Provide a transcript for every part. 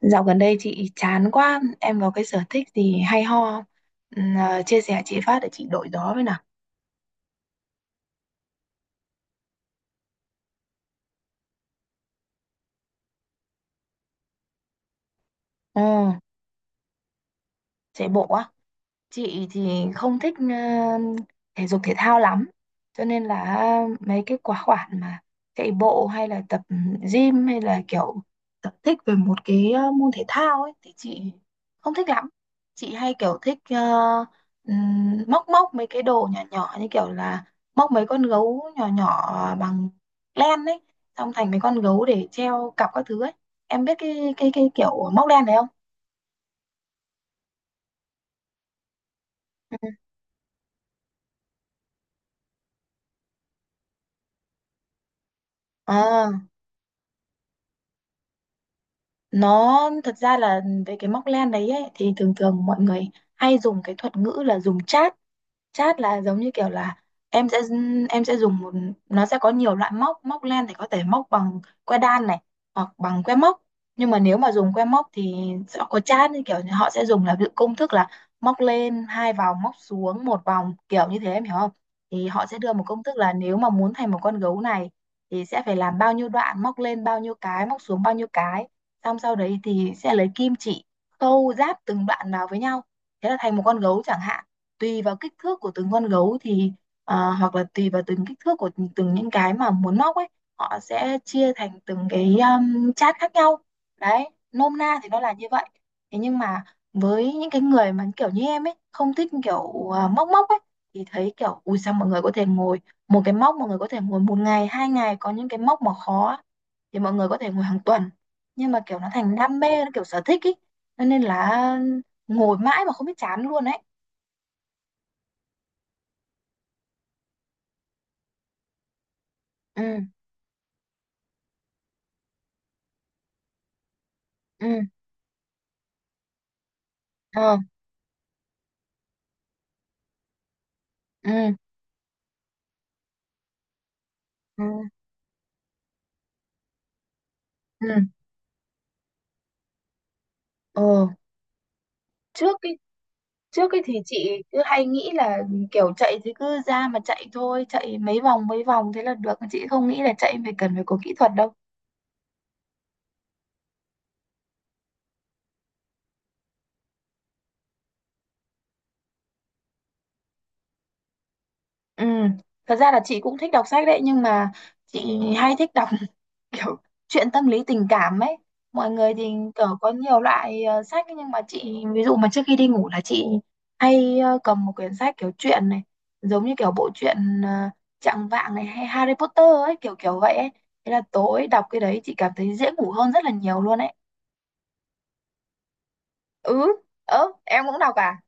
Dạo gần đây chị chán quá, em có cái sở thích gì hay ho không? Chia sẻ chị phát để chị đổi gió với nào. Ừ, chạy bộ á. Chị thì không thích thể dục thể thao lắm, cho nên là mấy cái khóa khoản mà chạy bộ hay là tập gym hay là kiểu tập thích về một cái môn thể thao ấy thì chị không thích lắm. Chị hay kiểu thích móc móc mấy cái đồ nhỏ nhỏ như kiểu là móc mấy con gấu nhỏ nhỏ bằng len ấy, xong thành mấy con gấu để treo cặp các thứ ấy. Em biết cái kiểu móc len này không? Ừ. à nó thật ra là về cái móc len đấy ấy, thì thường thường mọi người hay dùng cái thuật ngữ là dùng chát. Chát là giống như kiểu là em sẽ dùng một, nó sẽ có nhiều loại móc, móc len thì có thể móc bằng que đan này hoặc bằng que móc. Nhưng mà nếu mà dùng que móc thì sẽ có chát, như kiểu như họ sẽ dùng là ví dụ công thức là móc lên hai vòng, móc xuống một vòng, kiểu như thế em hiểu không? Thì họ sẽ đưa một công thức là nếu mà muốn thành một con gấu này thì sẽ phải làm bao nhiêu đoạn, móc lên bao nhiêu cái, móc xuống bao nhiêu cái, xong sau đấy thì sẽ lấy kim chỉ câu ráp từng đoạn vào với nhau, thế là thành một con gấu chẳng hạn. Tùy vào kích thước của từng con gấu thì hoặc là tùy vào từng kích thước của từng những cái mà muốn móc ấy, họ sẽ chia thành từng cái chát khác nhau. Đấy, nôm na thì nó là như vậy. Thế nhưng mà với những cái người mà kiểu như em ấy không thích kiểu móc móc ấy, thì thấy kiểu ui sao mọi người có thể ngồi một cái móc, mọi người có thể ngồi một ngày hai ngày, có những cái móc mà khó á, thì mọi người có thể ngồi hàng tuần. Nhưng mà kiểu nó thành đam mê, nó kiểu sở thích ý. Cho nên là ngồi mãi mà không biết chán luôn ấy. Ừ. Ừ. Ờ. Ừ. Ừ. Ừ. Ờ. trước cái Trước cái thì chị cứ hay nghĩ là kiểu chạy thì cứ ra mà chạy thôi, chạy mấy vòng thế là được, chị không nghĩ là chạy phải cần phải có kỹ thuật đâu. Ừ. Thật ra là chị cũng thích đọc sách đấy, nhưng mà chị hay thích đọc kiểu chuyện tâm lý tình cảm ấy. Mọi người thì kiểu có nhiều loại sách ấy, nhưng mà chị ví dụ mà trước khi đi ngủ là chị hay cầm một quyển sách kiểu truyện này, giống như kiểu bộ truyện, uh, Trạng Vạng này hay Harry Potter ấy, kiểu kiểu vậy ấy. Thế là tối đọc cái đấy chị cảm thấy dễ ngủ hơn rất là nhiều luôn ấy. Ừ. Ớ, em cũng đọc à?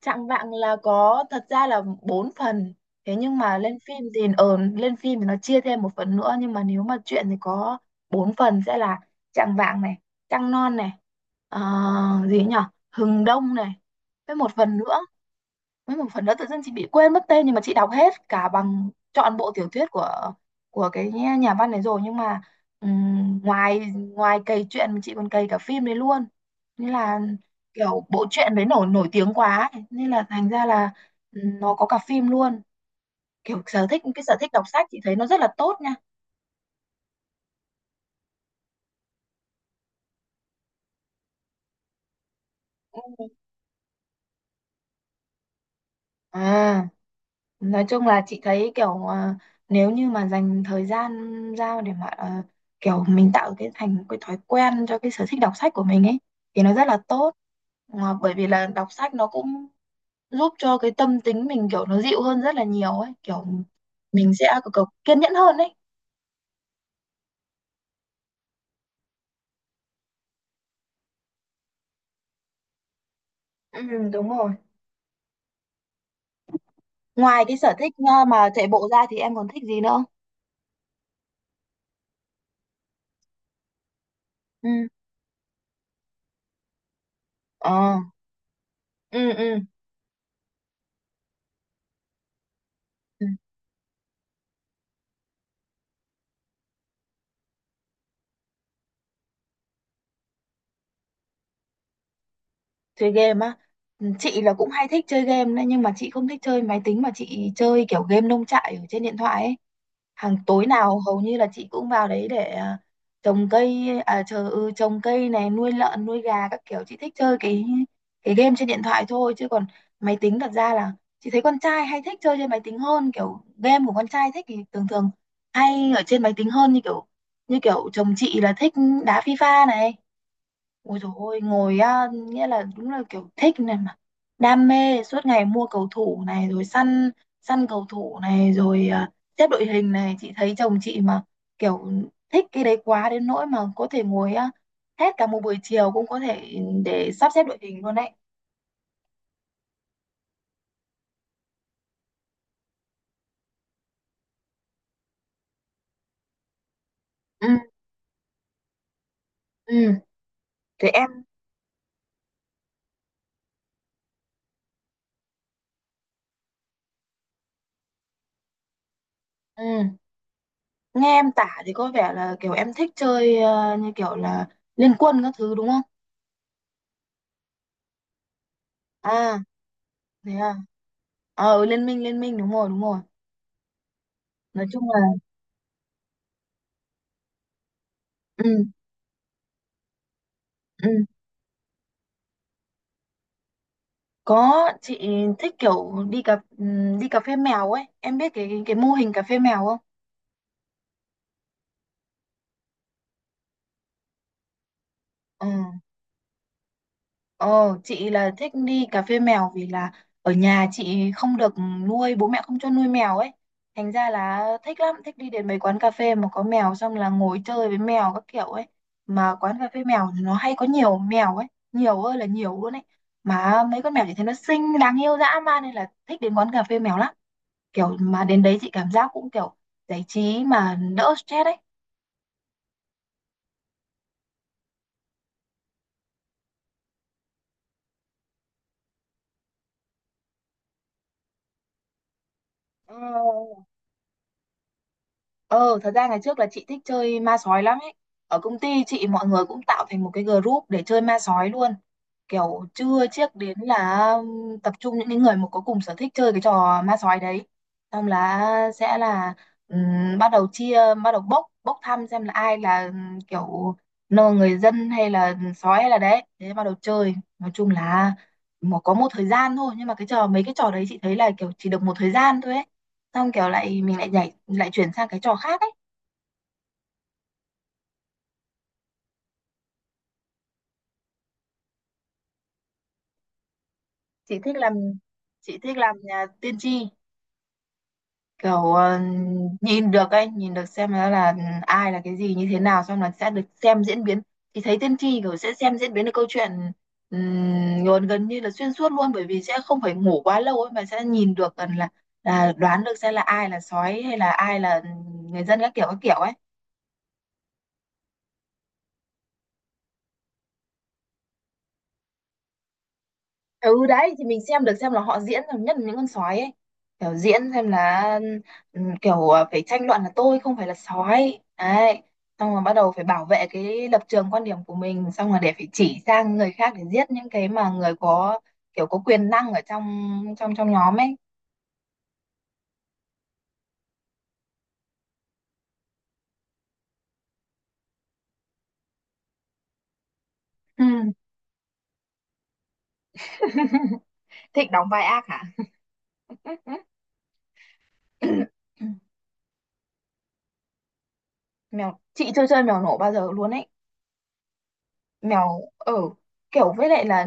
Chạng Vạng là có, thật ra là bốn phần. Thế nhưng mà lên phim thì nó chia thêm một phần nữa, nhưng mà nếu mà truyện thì có bốn phần sẽ là Chạng Vạng này, Trăng Non này, ờ, gì nhỉ, Hừng Đông này, với một phần nữa với một phần nữa tự dưng chị bị quên mất tên, nhưng mà chị đọc hết cả bằng trọn bộ tiểu thuyết của cái nhà nhà văn này rồi. Nhưng mà ngoài ngoài cày truyện chị còn cày cả phim đấy luôn, nên là kiểu bộ truyện đấy nổi nổi tiếng quá ấy. Nên là thành ra là, nó có cả phim luôn. Kiểu sở thích, cái sở thích đọc sách chị thấy nó rất là tốt nha. Ừ. à nói chung là chị thấy kiểu, nếu như mà dành thời gian ra để mà kiểu mình tạo cái thành cái thói quen cho cái sở thích đọc sách của mình ấy thì nó rất là tốt. Mà bởi vì là đọc sách nó cũng giúp cho cái tâm tính mình kiểu nó dịu hơn rất là nhiều ấy, kiểu mình sẽ kiểu kiên nhẫn hơn ấy. Ừ, đúng rồi. Ngoài cái sở thích mà chạy bộ ra thì em còn thích gì nữa không? Ừ. Ờ. Ừ. Ừ. Chơi game á? Ừ, chị là cũng hay thích chơi game đấy, nhưng mà chị không thích chơi máy tính mà chị chơi kiểu game nông trại ở trên điện thoại ấy. Hàng tối nào hầu như là chị cũng vào đấy để trồng cây, à chờ, trồng cây này, nuôi lợn nuôi gà các kiểu. Chị thích chơi cái game trên điện thoại thôi, chứ còn máy tính thật ra là chị thấy con trai hay thích chơi trên máy tính hơn, kiểu game của con trai thích thì thường thường hay ở trên máy tính hơn, như kiểu chồng chị là thích đá FIFA này. Ôi dồi ôi, ngồi á, nghĩa là đúng là kiểu thích này mà. Đam mê, suốt ngày mua cầu thủ này, rồi săn săn cầu thủ này, rồi xếp đội hình này. Chị thấy chồng chị mà kiểu thích cái đấy quá đến nỗi mà có thể ngồi á, hết cả một buổi chiều cũng có thể để sắp xếp đội hình luôn đấy. Ừ. Ừ. Thế em. Ừ. Nghe em tả thì có vẻ là kiểu em thích chơi như kiểu là Liên Quân các thứ đúng không? À, thế à. Ờ, ừ, Liên Minh, Liên Minh, đúng rồi, đúng rồi. Nói chung là... Ừ. Ừ. Có, chị thích kiểu đi cà phê mèo ấy. Em biết cái mô hình cà phê mèo không? Ừ. Ờ, chị là thích đi cà phê mèo vì là ở nhà chị không được nuôi, bố mẹ không cho nuôi mèo ấy. Thành ra là thích lắm, thích đi đến mấy quán cà phê mà có mèo, xong là ngồi chơi với mèo các kiểu ấy. Mà quán cà phê mèo thì nó hay có nhiều mèo ấy, nhiều ơi là nhiều luôn ấy. Mà mấy con mèo chị thấy nó xinh, đáng yêu dã man, nên là thích đến quán cà phê mèo lắm. Kiểu mà đến đấy chị cảm giác cũng kiểu giải trí mà đỡ stress ấy. Ờ. Ờ, thật ra ngày trước là chị thích chơi ma sói lắm ấy. Ở công ty chị mọi người cũng tạo thành một cái group để chơi ma sói luôn. Kiểu chưa chiếc đến là tập trung những cái người mà có cùng sở thích chơi cái trò ma sói đấy. Xong là sẽ là, bắt đầu chia, bắt đầu bốc, bốc thăm xem là ai là, kiểu nô người dân hay là sói hay là đấy. Thế bắt đầu chơi. Nói chung là có một thời gian thôi. Nhưng mà cái trò mấy cái trò đấy chị thấy là kiểu chỉ được một thời gian thôi ấy, xong kiểu lại mình lại nhảy, lại chuyển sang cái trò khác ấy. chị thích làm chị thích làm nhà tiên tri, kiểu nhìn được ấy, nhìn được xem nó là ai là cái gì như thế nào, xong là sẽ được xem diễn biến, thì thấy tiên tri kiểu sẽ xem diễn biến được câu chuyện, gần gần như là xuyên suốt luôn, bởi vì sẽ không phải ngủ quá lâu ấy mà sẽ nhìn được gần là đoán được xem là ai là sói hay là ai là người dân các kiểu ấy. Ừ, đấy thì mình xem được xem là họ diễn rồi, nhất là những con sói ấy, kiểu diễn xem là, kiểu phải tranh luận là tôi không phải là sói đấy, xong rồi bắt đầu phải bảo vệ cái lập trường quan điểm của mình, xong rồi để phải chỉ sang người khác để giết những cái mà người có kiểu có quyền năng ở trong trong trong nhóm ấy. Ừ. Thích đóng vai ác hả? Chị chưa chơi mèo nổ bao giờ luôn ấy. Mèo ở Kiểu với lại là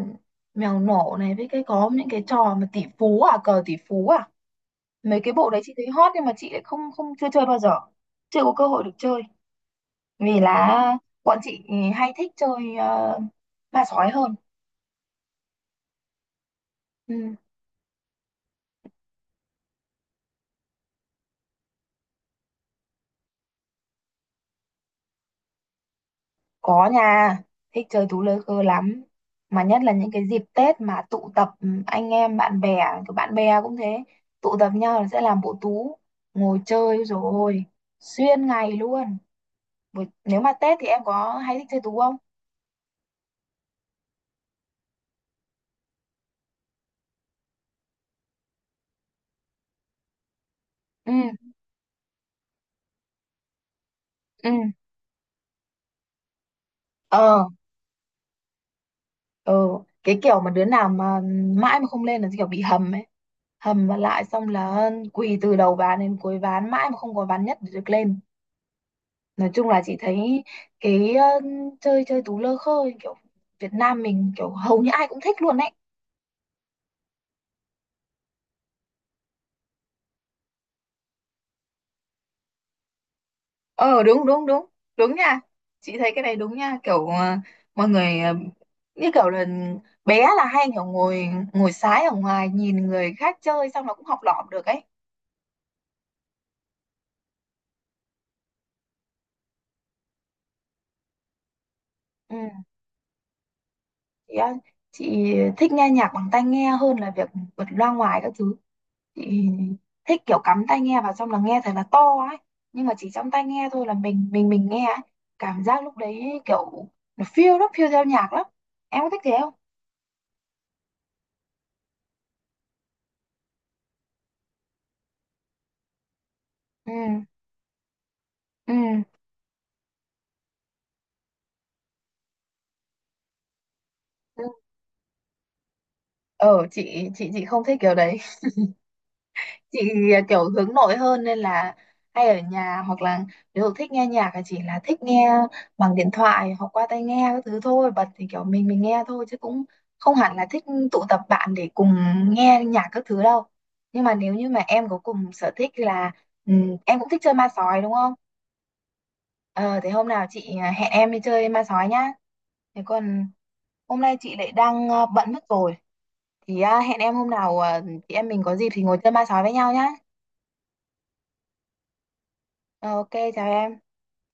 mèo nổ này với cái, có những cái trò mà tỷ phú à cờ tỷ phú, mấy cái bộ đấy chị thấy hot nhưng mà chị lại không không chưa chơi bao giờ, chưa có cơ hội được chơi vì là bọn chị hay thích chơi ma sói hơn. Ừ, có, nhà thích chơi tú lơ khơ lắm, mà nhất là những cái dịp Tết mà tụ tập anh em bạn bè, kiểu bạn bè cũng thế, tụ tập nhau là sẽ làm bộ tú, ngồi chơi rồi xuyên ngày luôn. Nếu mà Tết thì em có hay thích chơi tú không? Ừ. Ừ. Ờ. Ờ. Cái kiểu mà đứa nào mà mãi mà không lên là kiểu bị hầm ấy, hầm mà lại xong là quỳ từ đầu ván đến cuối ván, mãi mà không có ván nhất để được lên. Nói chung là chị thấy cái chơi chơi tú lơ khơ kiểu Việt Nam mình, kiểu hầu như ai cũng thích luôn ấy. Ờ, đúng, đúng, đúng, đúng nha. Chị thấy cái này đúng nha, kiểu mọi người như kiểu là bé là hay kiểu ngồi ngồi sái ở ngoài nhìn người khác chơi, xong nó cũng học lỏm được ấy. Ừ, chị, á- chị thích nghe nhạc bằng tai nghe hơn là việc bật loa ngoài các thứ. Chị thích kiểu cắm tai nghe vào xong là nghe thật là to ấy, nhưng mà chỉ trong tai nghe thôi là mình nghe ấy. Cảm giác lúc đấy kiểu nó phiêu lắm, phiêu theo nhạc lắm. Em có thích thế không? Ừ. Ừ. Ừ. Ờ, chị không thích kiểu đấy. Chị kiểu hướng nội hơn nên là hay ở nhà, hoặc là nếu thích nghe nhạc thì chỉ là thích nghe bằng điện thoại hoặc qua tai nghe các thứ thôi, bật thì kiểu mình nghe thôi chứ cũng không hẳn là thích tụ tập bạn để cùng nghe nhạc các thứ đâu. Nhưng mà nếu như mà em có cùng sở thích là, em cũng thích chơi ma sói đúng không? Ờ, thế hôm nào chị hẹn em đi chơi ma sói nhá. Thế còn hôm nay chị lại đang bận mất rồi. Thì hẹn em hôm nào, chị em mình có dịp thì ngồi chơi ma sói với nhau nhá. Ờ, ok, chào em.